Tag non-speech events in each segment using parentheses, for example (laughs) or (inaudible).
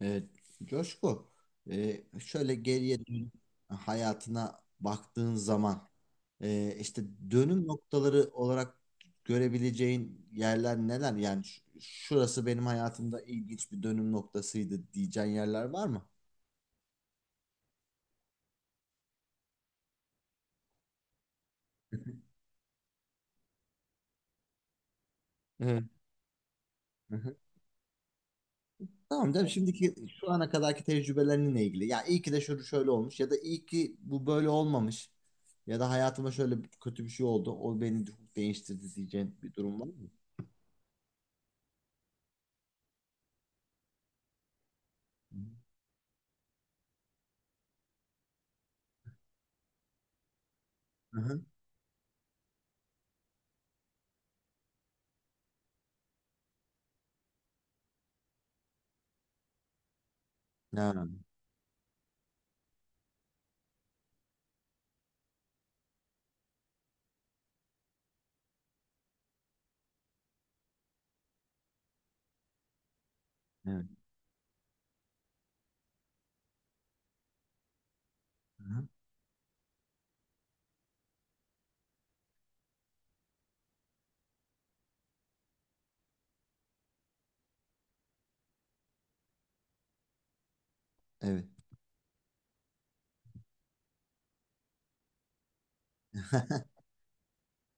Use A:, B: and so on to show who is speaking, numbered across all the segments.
A: Evet, Coşku, şöyle geriye dön hayatına baktığın zaman, işte dönüm noktaları olarak görebileceğin yerler neler? Yani şurası benim hayatımda ilginç bir dönüm noktasıydı diyeceğin yerler var mı? Evet. Hı hı. Tamam canım, şimdiki şu ana kadarki tecrübelerinle ilgili. Ya iyi ki de şöyle şöyle olmuş ya da iyi ki bu böyle olmamış ya da hayatıma şöyle kötü bir şey oldu. O beni çok değiştirdi diyeceğin bir durum var mı? Hı hı. Ha, evet. Aha, evet.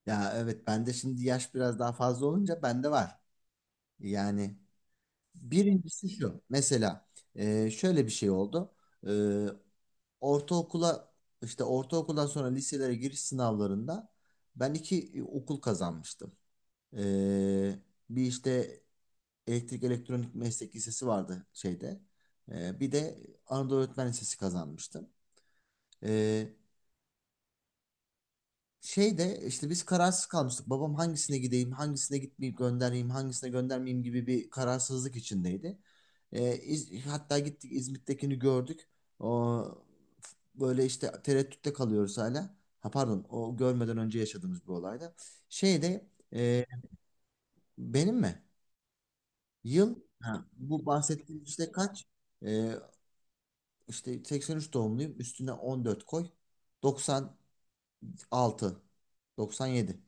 A: Ya evet, bende şimdi yaş biraz daha fazla olunca bende var. Yani birincisi şu. Mesela şöyle bir şey oldu. E, ortaokula işte ortaokuldan sonra liselere giriş sınavlarında ben iki okul kazanmıştım. E, bir işte elektrik elektronik meslek lisesi vardı şeyde. Bir de Anadolu Öğretmen Lisesi kazanmıştım. E, şey de işte biz kararsız kalmıştık. Babam hangisine gideyim, hangisine gitmeyip göndereyim, hangisine göndermeyeyim gibi bir kararsızlık içindeydi. Hatta gittik İzmit'tekini gördük. O, böyle işte tereddütte kalıyoruz hala. Ha pardon, o görmeden önce yaşadığımız bir olayda. Şeyde e, benim mi? Yıl ha, bu bahsettiğim işte kaç? Ee, işte 83 doğumluyum. Üstüne 14 koy. 96, 97.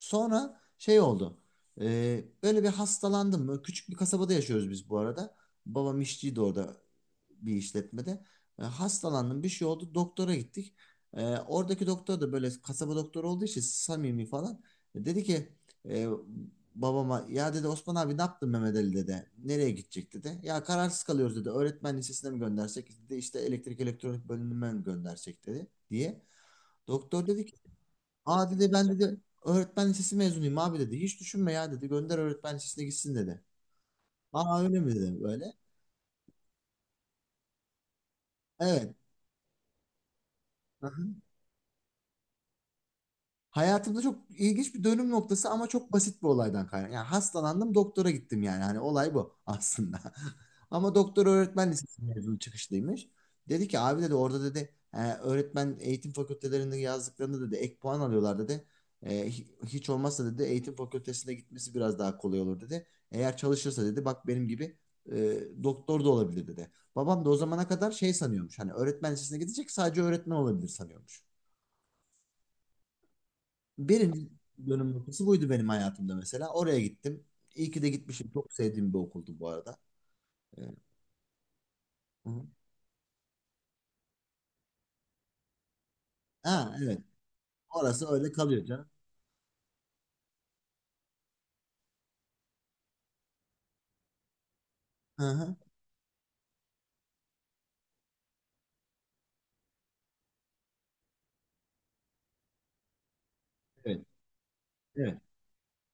A: Sonra şey oldu. Böyle bir hastalandım. Böyle küçük bir kasabada yaşıyoruz biz bu arada. Babam işçiydi orada bir işletmede. Hastalandım, bir şey oldu. Doktora gittik. Oradaki doktor da böyle kasaba doktoru olduğu için samimi falan. Dedi ki e, babama, ya dedi, Osman abi ne yaptın Mehmet Ali dedi. Nereye gidecek dedi. Ya kararsız kalıyoruz dedi. Öğretmen lisesine mi göndersek dedi. İşte elektrik elektronik bölümüne mi göndersek dedi diye. Doktor dedi ki, aa dedi, ben dedi öğretmen lisesi mezunuyum abi dedi. Hiç düşünme ya dedi. Gönder öğretmen lisesine gitsin dedi. Aa öyle mi dedi böyle. Evet. Hayatımda çok ilginç bir dönüm noktası ama çok basit bir olaydan kaynak. Yani hastalandım doktora gittim yani. Hani olay bu aslında. (laughs) Ama doktor öğretmen lisesi mezunu çıkışlıymış. Dedi ki, abi dedi orada dedi, öğretmen eğitim fakültelerinde yazdıklarında dedi ek puan alıyorlar dedi. " Hiç olmazsa dedi eğitim fakültesine gitmesi biraz daha kolay olur dedi. Eğer çalışırsa dedi bak benim gibi doktor da olabilir dedi. Babam da o zamana kadar şey sanıyormuş. Hani öğretmen lisesine gidecek, sadece öğretmen olabilir sanıyormuş. Birinci dönüm noktası buydu benim hayatımda mesela. Oraya gittim. İyi ki de gitmişim. Çok sevdiğim bir okuldu bu arada. Ee, hı. Ha evet. Orası öyle kalıyor canım. Hı hı. Evet. Evet.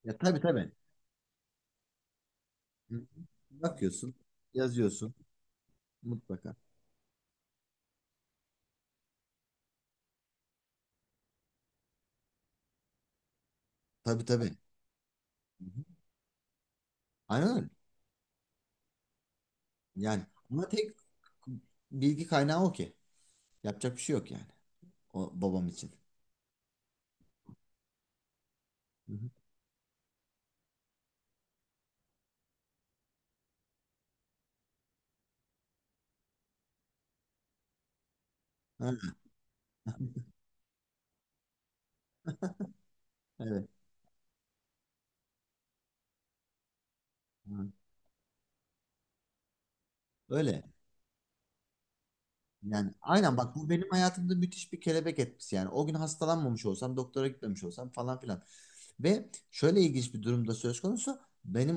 A: Ya tabii tabii. Hı hı. Bakıyorsun. Yazıyorsun. Mutlaka. Tabii tabii. Hı hı. Aynen öyle. Yani ama tek bilgi kaynağı o ki. Yapacak bir şey yok yani. O babam için. Hı hı. Ha, evet. Hı. Öyle. Yani aynen bak, bu benim hayatımda müthiş bir kelebek etkisi yani. O gün hastalanmamış olsam, doktora gitmemiş olsam falan filan. Ve şöyle ilginç bir durumda söz konusu. Benim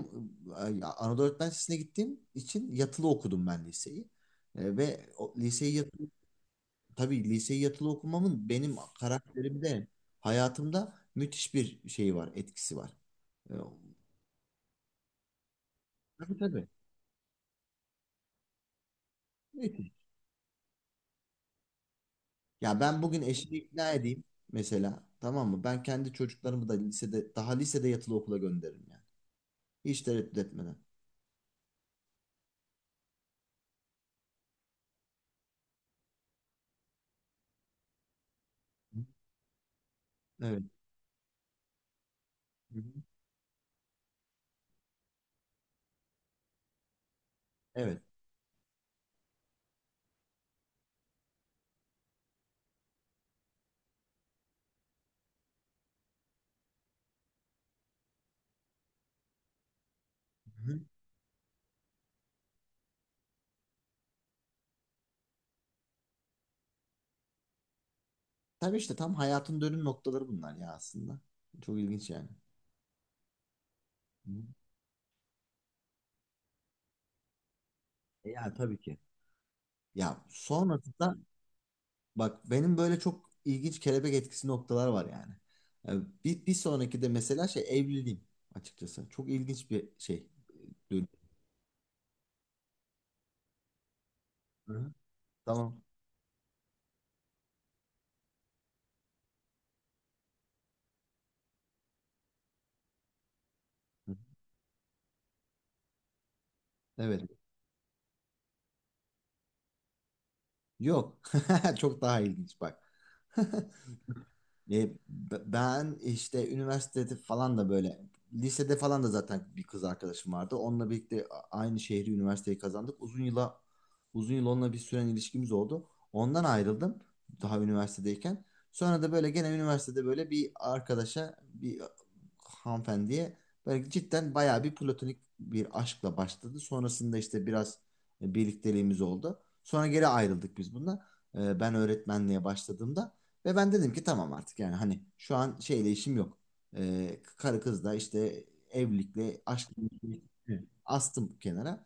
A: Anadolu Öğretmen Lisesi'ne gittiğim için yatılı okudum ben liseyi. E, ve o liseyi yatılı, tabii liseyi yatılı okumamın benim karakterimde, hayatımda müthiş bir şeyi var, etkisi var. E, tabii tabii. Ya ben bugün eşimi ikna edeyim mesela, tamam mı? Ben kendi çocuklarımı da lisede, daha lisede yatılı okula gönderirim yani. Hiç tereddüt etmeden. Hı. Evet. Hı hı. Evet. Hı hı. Tabii işte tam hayatın dönüm noktaları bunlar ya aslında. Çok ilginç yani. Hı. E ya tabii ki. Ya sonrasında bak benim böyle çok ilginç kelebek etkisi noktalar var yani. Yani bir sonraki de mesela şey, evliliğim açıkçası. Çok ilginç bir şey. Dönüm. Hı hı. Tamam. Hı hı. Evet. Yok. (laughs) Çok daha ilginç bak. (laughs) Ben işte üniversitede falan da böyle, lisede falan da zaten bir kız arkadaşım vardı. Onunla birlikte aynı şehri, üniversiteyi kazandık. Uzun yıl onunla bir süren ilişkimiz oldu. Ondan ayrıldım daha üniversitedeyken. Sonra da böyle gene üniversitede böyle bir arkadaşa, bir hanımefendiye böyle cidden bayağı bir platonik bir aşkla başladı. Sonrasında işte biraz birlikteliğimiz oldu. Sonra geri ayrıldık biz bununla. E, ben öğretmenliğe başladığımda. Ve ben dedim ki, tamam artık yani, hani şu an şeyle işim yok. Karı kız da işte, evlilikle aşkla. Hı. Astım kenara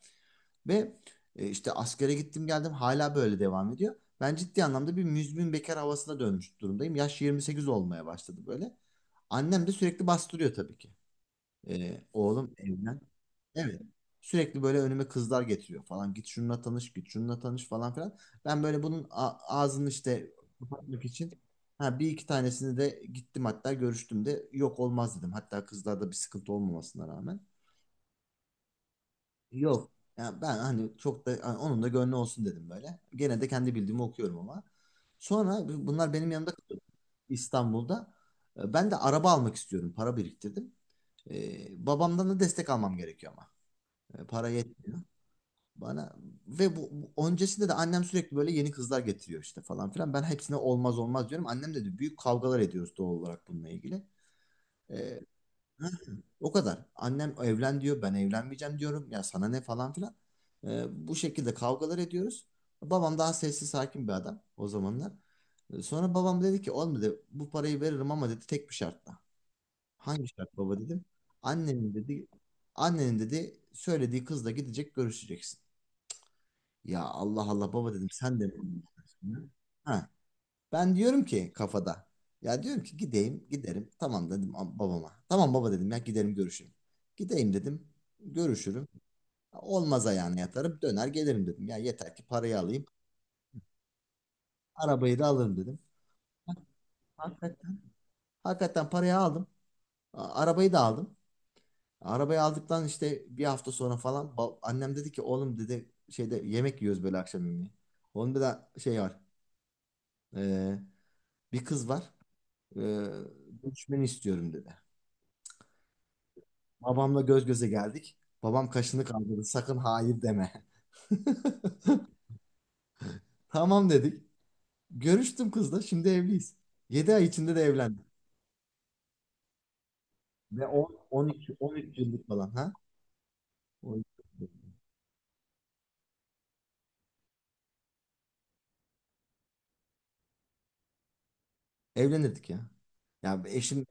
A: ve işte askere gittim geldim, hala böyle devam ediyor. Ben ciddi anlamda bir müzmin bekar havasına dönmüş durumdayım. Yaş 28 olmaya başladı böyle. Annem de sürekli bastırıyor tabii ki. Oğlum evlen. Evet. Sürekli böyle önüme kızlar getiriyor falan. Git şununla tanış, git şununla tanış falan filan. Ben böyle bunun ağzını işte kapatmak için, ha, bir iki tanesini de gittim hatta görüştüm de, yok olmaz dedim. Hatta kızlarda bir sıkıntı olmamasına rağmen. Yok. Ya ben hani çok da hani onun da gönlü olsun dedim böyle. Gene de kendi bildiğimi okuyorum ama. Sonra bunlar benim yanımda kalıyor İstanbul'da. Ben de araba almak istiyorum. Para biriktirdim. Babamdan da destek almam gerekiyor ama. Para yetmiyor bana. Ve öncesinde de annem sürekli böyle yeni kızlar getiriyor işte falan filan. Ben hepsine olmaz olmaz diyorum. Annem de, büyük kavgalar ediyoruz doğal olarak bununla ilgili. Ee, o kadar. Annem evlen diyor, ben evlenmeyeceğim diyorum. Ya sana ne falan filan. Bu şekilde kavgalar ediyoruz. Babam daha sessiz sakin bir adam o zamanlar. Sonra babam dedi ki, olmadı bu parayı veririm ama dedi, tek bir şartla. Hangi şart baba dedim. Annenin dedi annenin dedi söylediği kızla gidecek, görüşeceksin. Ya Allah Allah baba dedim, sen de mi bunu istiyorsun ya? Ha, ben diyorum ki kafada. Ya diyorum ki gideyim, giderim. Tamam dedim babama. Tamam baba dedim, ya giderim görüşürüm. Gideyim dedim, görüşürüm. Olmaz ayağına yatarım, döner gelirim dedim. Ya yeter ki parayı alayım. Arabayı da alırım dedim. Hakikaten, hakikaten parayı aldım. Arabayı da aldım. Arabayı aldıktan işte bir hafta sonra falan, annem dedi ki, oğlum dedi, şeyde yemek yiyoruz böyle akşam yemeği. Onun bir de şey var. Ee, bir kız var. Ee, görüşmeni istiyorum dedi. Babamla göz göze geldik. Babam kaşını kaldırdı. Sakın hayır deme. (laughs) Tamam dedik. Görüştüm kızla. Şimdi evliyiz. 7 ay içinde de evlendik. Ve 10, 12, 13 yıllık falan, ha? 12 yıllık. Evlenirdik ya. Ya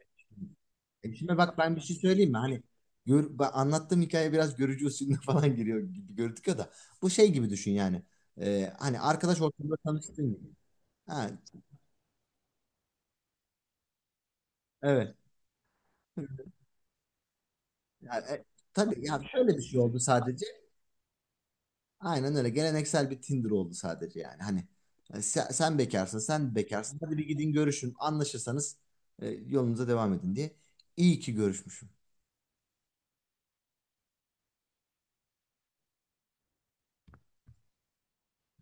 A: eşime bak, ben bir şey söyleyeyim mi? Hani ben anlattığım hikaye biraz görücü usulüne (laughs) falan giriyor gibi gördük ya da. Bu şey gibi düşün yani. Hani arkadaş ortamında tanıştığın gibi. Ha, evet. Yani, tabii ya şöyle bir şey oldu sadece. Aynen öyle. Geleneksel bir Tinder oldu sadece yani. Hani sen bekarsın, sen bekarsın. Hadi bir gidin görüşün. Anlaşırsanız yolunuza devam edin diye. İyi ki görüşmüşüm.